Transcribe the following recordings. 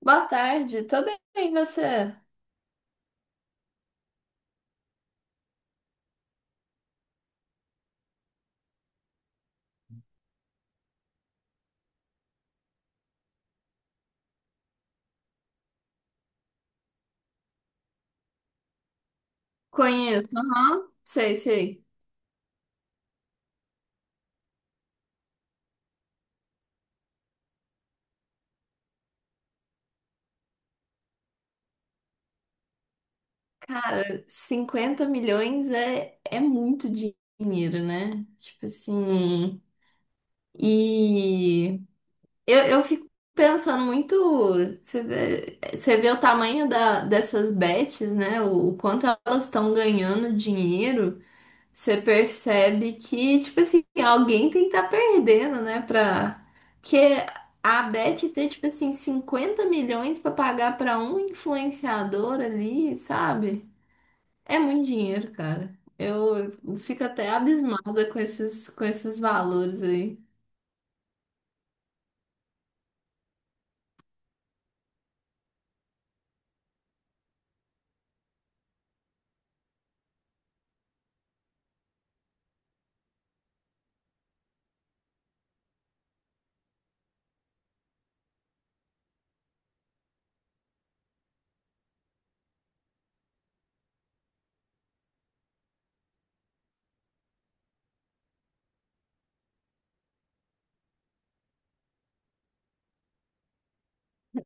Boa tarde, tô bem, e você? Conheço, aham, sei, sei. 50 milhões é muito dinheiro, né? Tipo assim. E eu fico pensando muito. Você vê o tamanho dessas bets, né? O quanto elas estão ganhando dinheiro. Você percebe que, tipo assim, alguém tem que estar perdendo, né? Pra... Porque a Beth ter, tipo assim, 50 milhões pra pagar pra um influenciador ali, sabe? É muito dinheiro, cara. Eu fico até abismada com esses valores aí.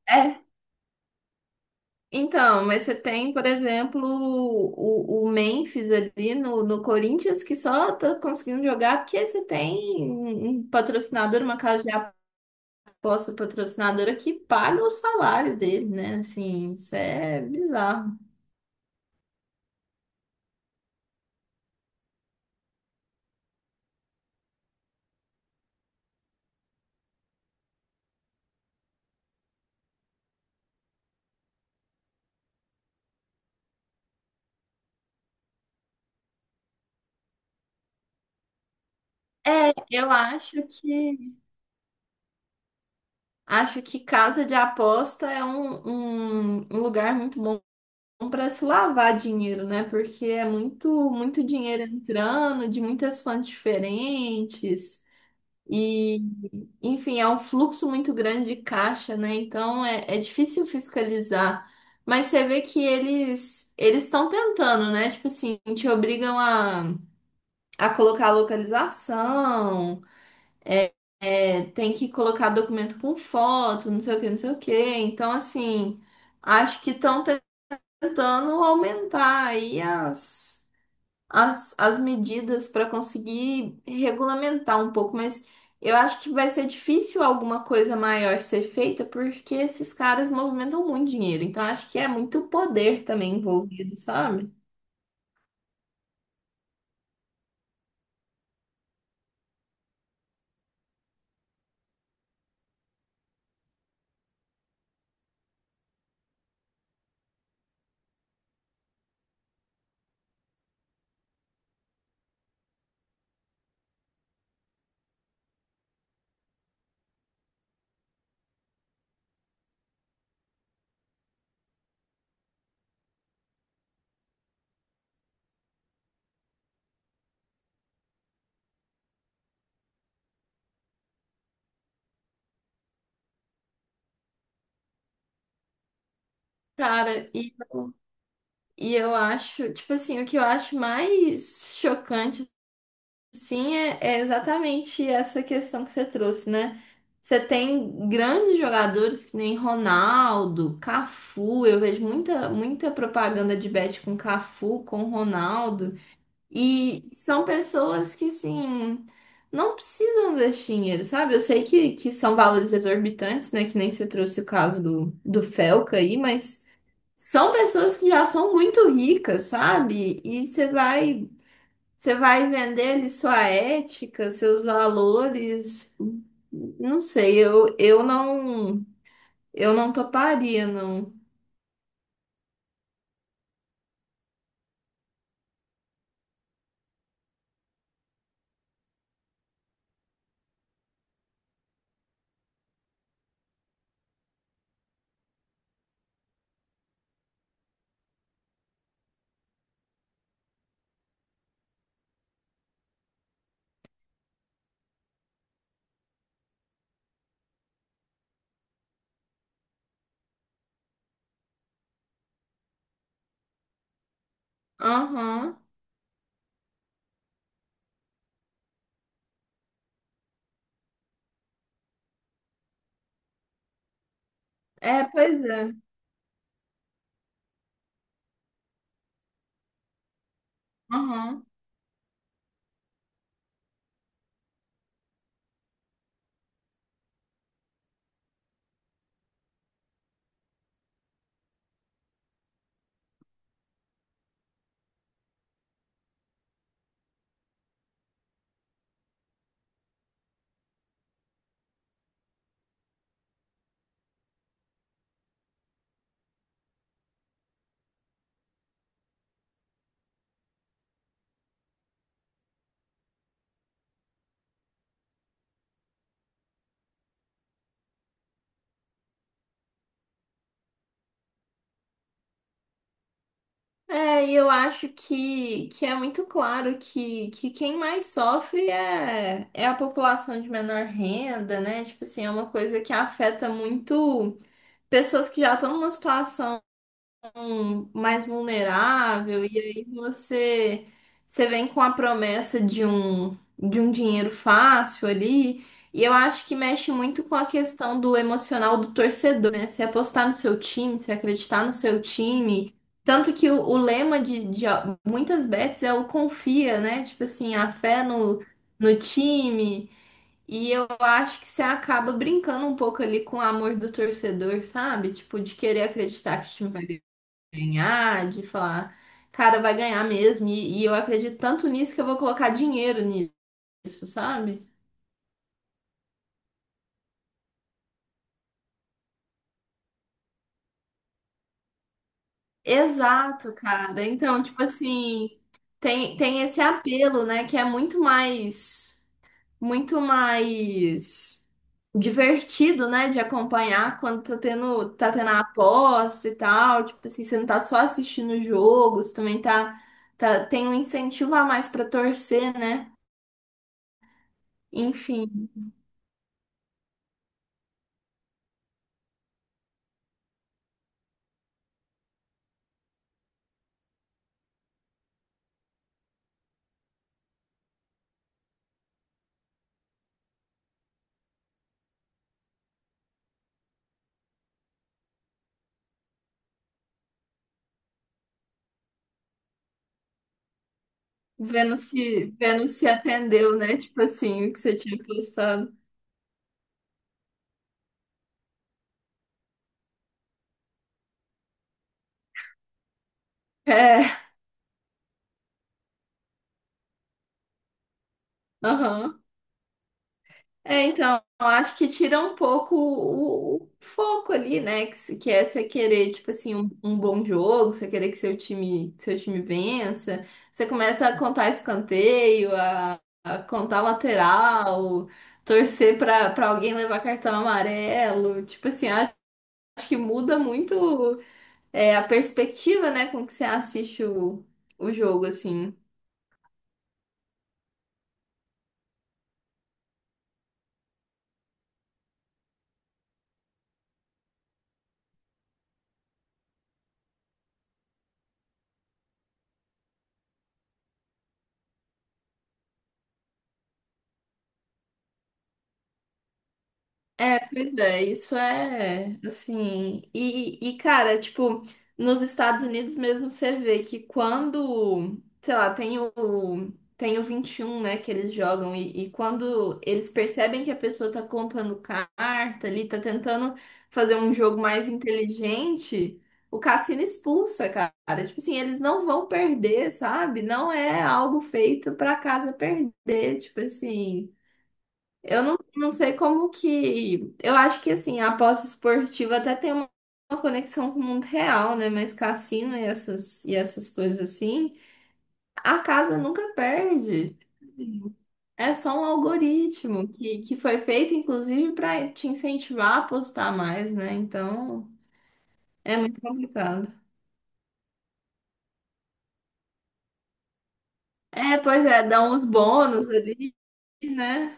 É, então, mas você tem, por exemplo, o Memphis ali no, no Corinthians, que só tá conseguindo jogar porque você tem um patrocinador, uma casa de... Posso, patrocinadora que paga o salário dele, né? Assim, isso é bizarro. É, eu acho que casa de aposta é um lugar muito bom para se lavar dinheiro, né? Porque é muito muito dinheiro entrando de muitas fontes diferentes. E, enfim, é um fluxo muito grande de caixa, né? Então é difícil fiscalizar. Mas você vê que eles estão tentando, né? Tipo assim, te obrigam a colocar a localização, é, tem que colocar documento com foto, não sei o que, não sei o que. Então, assim, acho que estão tentando aumentar aí as, as medidas para conseguir regulamentar um pouco, mas eu acho que vai ser difícil alguma coisa maior ser feita, porque esses caras movimentam muito dinheiro, então acho que é muito poder também envolvido, sabe? Cara, e eu acho, tipo assim, o que eu acho mais chocante... Sim, é exatamente essa questão que você trouxe, né? Você tem grandes jogadores que nem Ronaldo, Cafu. Eu vejo muita, muita propaganda de bet com Cafu, com Ronaldo. E são pessoas que, assim, não precisam desse dinheiro, sabe? Eu sei que são valores exorbitantes, né? Que nem você trouxe o caso do Felca aí, mas são pessoas que já são muito ricas, sabe? E você vai. Você vai vender ali sua ética, seus valores. Não sei, eu, eu não toparia, não. Aham. É, pois é. Aham. É, e eu acho que é muito claro que quem mais sofre é a população de menor renda, né? Tipo assim, é uma coisa que afeta muito pessoas que já estão numa situação mais vulnerável, e aí você vem com a promessa de de um dinheiro fácil ali, e eu acho que mexe muito com a questão do emocional do torcedor, né? Se apostar no seu time, se acreditar no seu time. Tanto que o lema de muitas bets é o confia, né? Tipo assim, a fé no time. E eu acho que você acaba brincando um pouco ali com o amor do torcedor, sabe? Tipo, de querer acreditar que o time vai ganhar, de falar, cara, vai ganhar mesmo. E eu acredito tanto nisso que eu vou colocar dinheiro nisso, sabe? Exato, cara. Então, tipo assim, tem esse apelo, né? Que é muito mais divertido, né? De acompanhar quando tá tendo a aposta e tal. Tipo assim, você não tá só assistindo o jogo, você também tá, tem um incentivo a mais pra torcer, né? Enfim. Vênus se atendeu, né? Tipo assim, o que você tinha postado. É, aham. É, então, eu acho que tira um pouco o foco ali, né? Que, que é você querer, tipo assim, um bom jogo, você querer que seu time vença. Você começa a contar escanteio, a contar lateral, torcer pra alguém levar cartão amarelo. Tipo assim, acho que muda muito. É, a perspectiva, né, com que você assiste o jogo, assim. É, pois é, isso é assim. E, cara, tipo, nos Estados Unidos mesmo você vê que quando, sei lá, tem o 21, né, que eles jogam, e quando eles percebem que a pessoa tá contando carta ali, tá tentando fazer um jogo mais inteligente, o cassino expulsa, cara. Tipo assim, eles não vão perder, sabe? Não é algo feito pra casa perder, tipo assim. Eu não, Não sei como que... Eu acho que, assim, a aposta esportiva até tem uma conexão com o mundo real, né? Mas cassino e essas coisas assim, a casa nunca perde. É só um algoritmo que foi feito, inclusive, para te incentivar a apostar mais, né? Então, é muito complicado. É, pois é, dá uns bônus ali, né?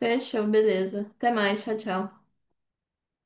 Fechou, beleza. Até mais, tchau, tchau.